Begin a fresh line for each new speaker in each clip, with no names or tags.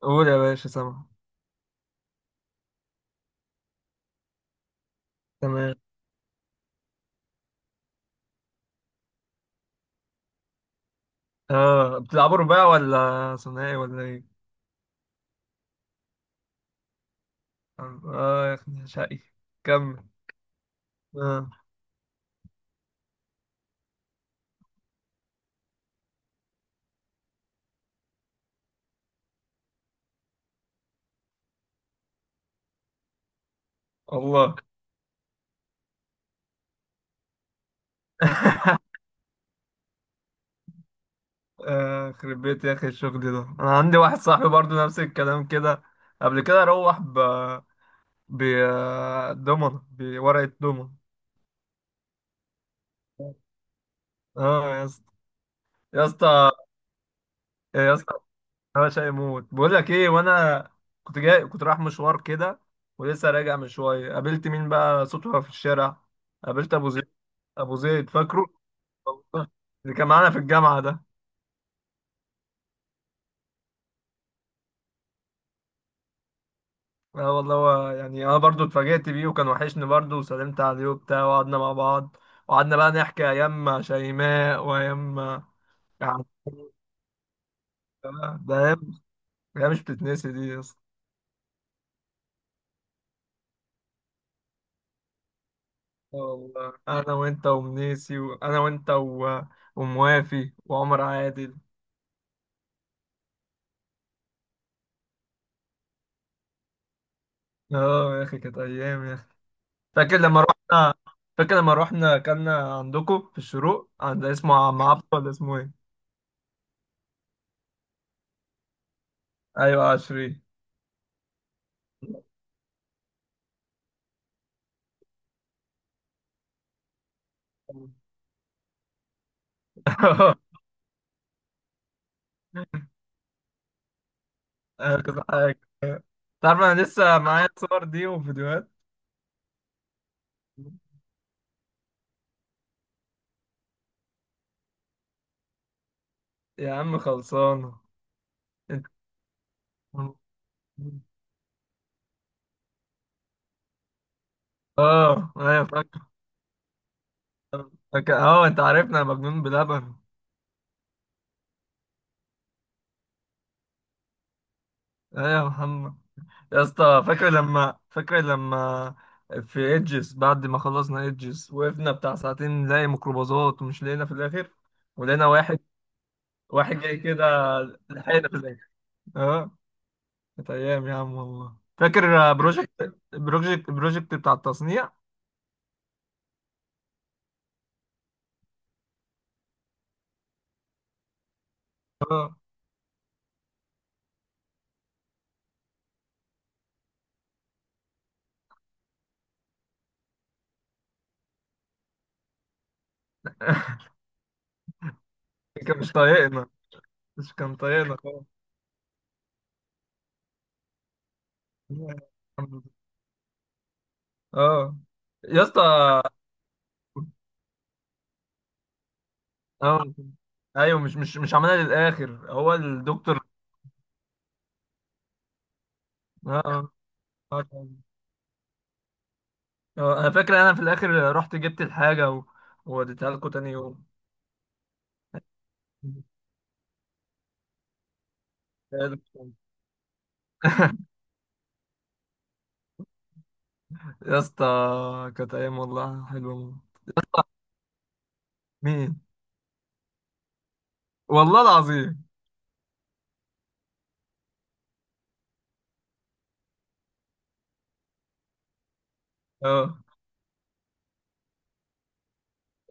قول يا باشا، سامع. تمام. اه، بتلعبوا رباع ولا ثنائي ولا ايه؟ اه يا اخي، شقي. كمل. اه. الله. يخرب بيت يا اخي، الشغل ده. انا عندي واحد صاحبي برضو نفس الكلام كده. قبل كده روح ب دومنة بورقة دومنة. اه يا اسطى. يا اسطى. يا اسطى. انا شاي موت، بقول لك ايه، وانا كنت رايح مشوار كده، ولسه راجع من شويه، قابلت مين بقى صدفه في الشارع؟ قابلت ابو زيد. ابو زيد، فاكره؟ والله. اللي كان معانا في الجامعه ده. اه والله، هو يعني انا برضو اتفاجئت بيه، وكان وحشني برضو، وسلمت عليه وبتاع، وقعدنا مع بعض. وقعدنا بقى نحكي ايام شيماء وايام. يعني. ده ايام. ايام مش بتتنسي دي يا اسطى. اه والله، انا وانت ومنيسي، وموافي وعمر عادل. اه يا اخي، كانت ايام يا اخي. فاكر لما رحنا فاكر لما رحنا كنا عندكم في الشروق، عند اسمه عم عبد، ولا اسمه ايه؟ ايوه، عشري. انا كنت حاجة تعرف، انا لسه معايا الصور دي وفيديوهات. يا عم، خلصانه. انت. اه ايوه، فاكر. فاكر، اه انت عارفنا، يا مجنون بلبن. ايوه يا محمد. يا اسطى، فاكر لما في ايدجز، بعد ما خلصنا ايدجز، وقفنا بتاع ساعتين نلاقي ميكروباصات، ومش لقينا في الاخر. ولقينا واحد جاي كده، لحقنا في الاخر. اه. كانت ايام يا عم والله. فاكر بروجكت بتاع التصنيع. اه. كان مش طايقنا مش كان طايقنا خالص. اه يا اسطى. اه ايوه، مش عملها للاخر هو الدكتور. اه. اه. آه. كان- آه، انا فاكر، انا في الاخر رحت جبت الحاجه ووديتها لكم تاني يوم. يا اسطى، كانت ايام والله حلوه. مين؟ والله العظيم. اه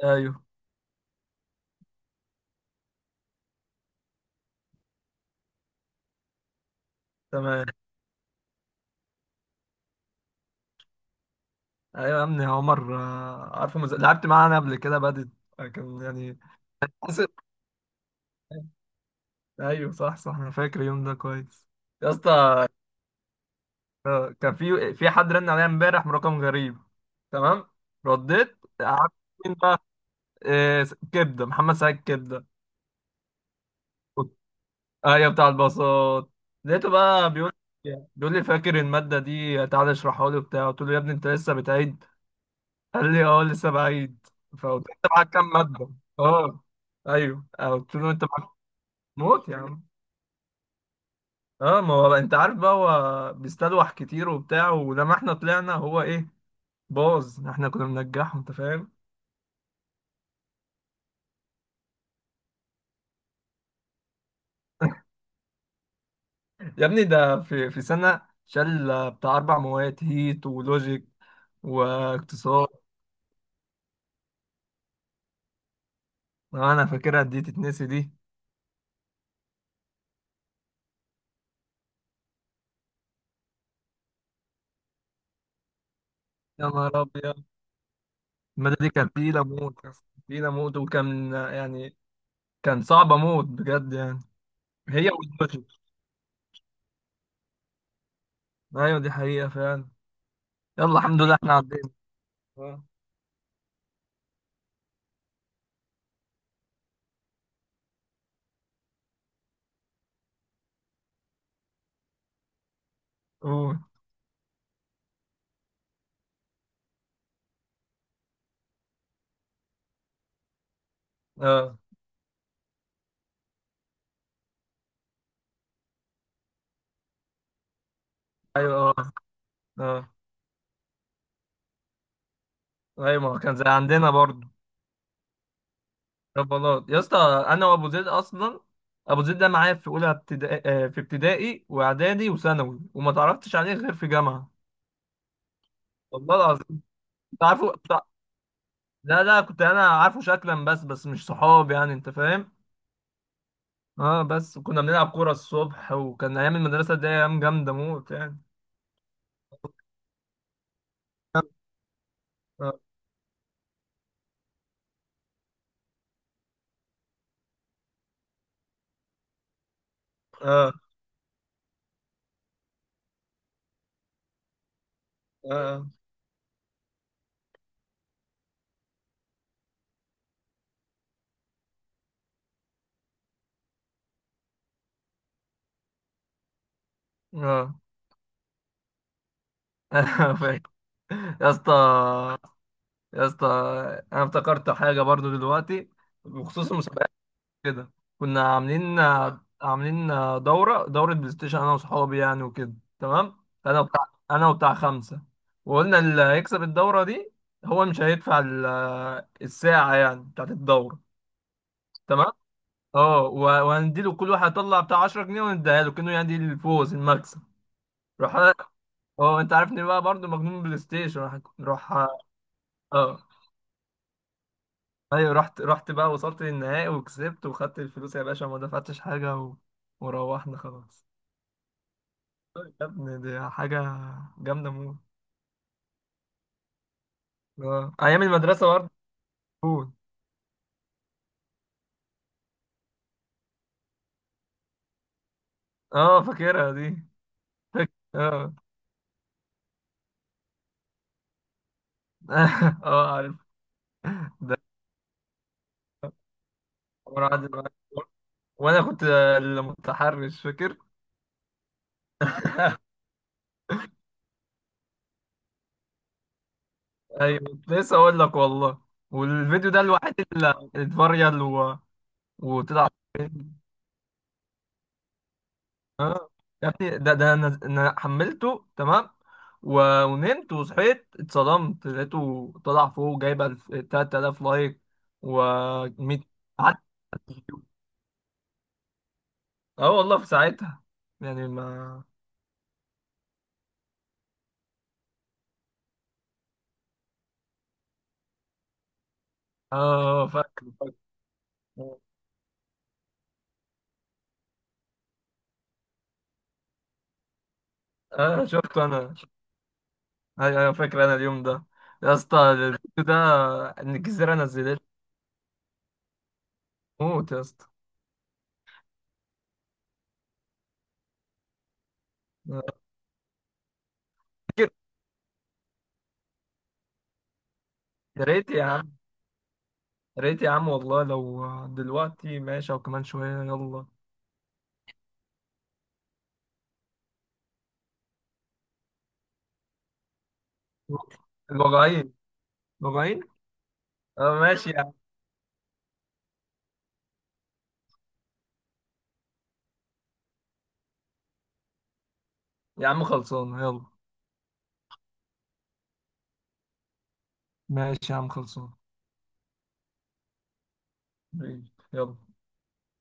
ايوه، تمام. ايوه يا ابني عمر، عارفه لعبت معانا قبل كده بدت. كان يعني. حصل. ايوه، صح، صح، انا فاكر اليوم ده كويس. يا اسطى. كان في حد رن عليا امبارح من رقم غريب. تمام. رديت، عارف مين بقى؟ إيه... كبده محمد سعيد كبده. قلت- ايوه بتاع الباصات. لقيته بقى بيقول لي، فاكر الماده دي، تعالى اشرحها لي وبتاع. قلت له، يا ابني انت لسه بتعيد؟ قال لي اه، لسه بعيد. فقلت له، انت معاك كام ماده؟ اه. ايوه قلت له انت معاك. موت يا عم. اه، ما هو انت عارف بقى، هو بيستلوح كتير وبتاع، ولما احنا طلعنا هو ايه؟ باظ. احنا كنا بننجحه، انت فاهم. يا ابني، ده في سنة شال بتاع أربع مواد، هيت ولوجيك واقتصاد. اه، أنا فاكرها، دي تتنسي دي؟ يا نهار أبيض. المادة دي كانت تقيلة موت يا اسطى، تقيلة موت، وكان يعني كان صعبة موت بجد يعني. هي واللوجيك. أيوة، دي حقيقة فعلا. يلا، الحمد لله إحنا عدينا. أه. أوه. أه. أيوة. أه. أه. ايوه، ما هو كان زي عندنا برضه. ربلاط يا اسطى. انا وابو زيد اصلا، ابو زيد ده معايا في اولى ابتدائي، في ابتدائي واعدادي وثانوي، وما تعرفتش عليه غير في جامعه. والله العظيم. كنت عارفه بتاع- لا، لا، كنت انا عارفه شكلا، بس مش صحاب يعني، انت فاهم. اه، بس كنا بنلعب كوره الصبح، وكان ايام المدرسه دي ايام جامده موت يعني. اه. اه. اه. اه. فاكر. يا اسطى. يا اسطى، انا افتكرت حاجه برضو دلوقتي بخصوص المسابقات. كده. كنا عاملين دورة بلاي ستيشن، أنا وصحابي يعني وكده. تمام. أنا وبتاع أنا وبتاع خمسة. وقلنا اللي هيكسب الدورة دي، هو مش هيدفع الساعة يعني بتاعت الدورة. تمام. اه، وهنديله كل واحد يطلع بتاع 10 جنيه، ونديها له كأنه يعني الفوز، المكسب. راح أنا- اه، انت عارفني بقى برضو مجنون بلاي ستيشن، راح. اه ايوه، رحت بقى، وصلت للنهائي وكسبت وخدت الفلوس يا باشا، ما دفعتش حاجة وروحنا خلاص. يا ابني، دي حاجة جامدة موت. اه، أيام المدرسة برضه. موت. اه، فاكرها دي. فاكر اه. اه، عارف. ده عمر عادل معايا. وأنا كنت المتحرش، فاكر؟ أيوة، كنت لسه أقول لك والله. والفيديو ده الوحيد اللي اتفريل وطلع ترند. يا ابني، ده أنا حملته تمام، ونمت وصحيت، اتصدمت لقيته طلع فوق جايب 3000 لايك و 100. اه والله في ساعتها يعني، ما اه. فاكر. اه، شفته انا. ايوه، ايوه، فاكر انا اليوم ده. يا اسطى، الفيديو ده ان الجزيره نزلت. موت يا اسطى. فاكر. يا ريت يا عم. يا ريت يا عم والله، لو دلوقتي ماشي او كمان شويه، يلا. الوجعين. الوجعين. اه، ماشي يا عم. يا عم خلصان، يلا. ماشي يا عم، خلصان، يلا.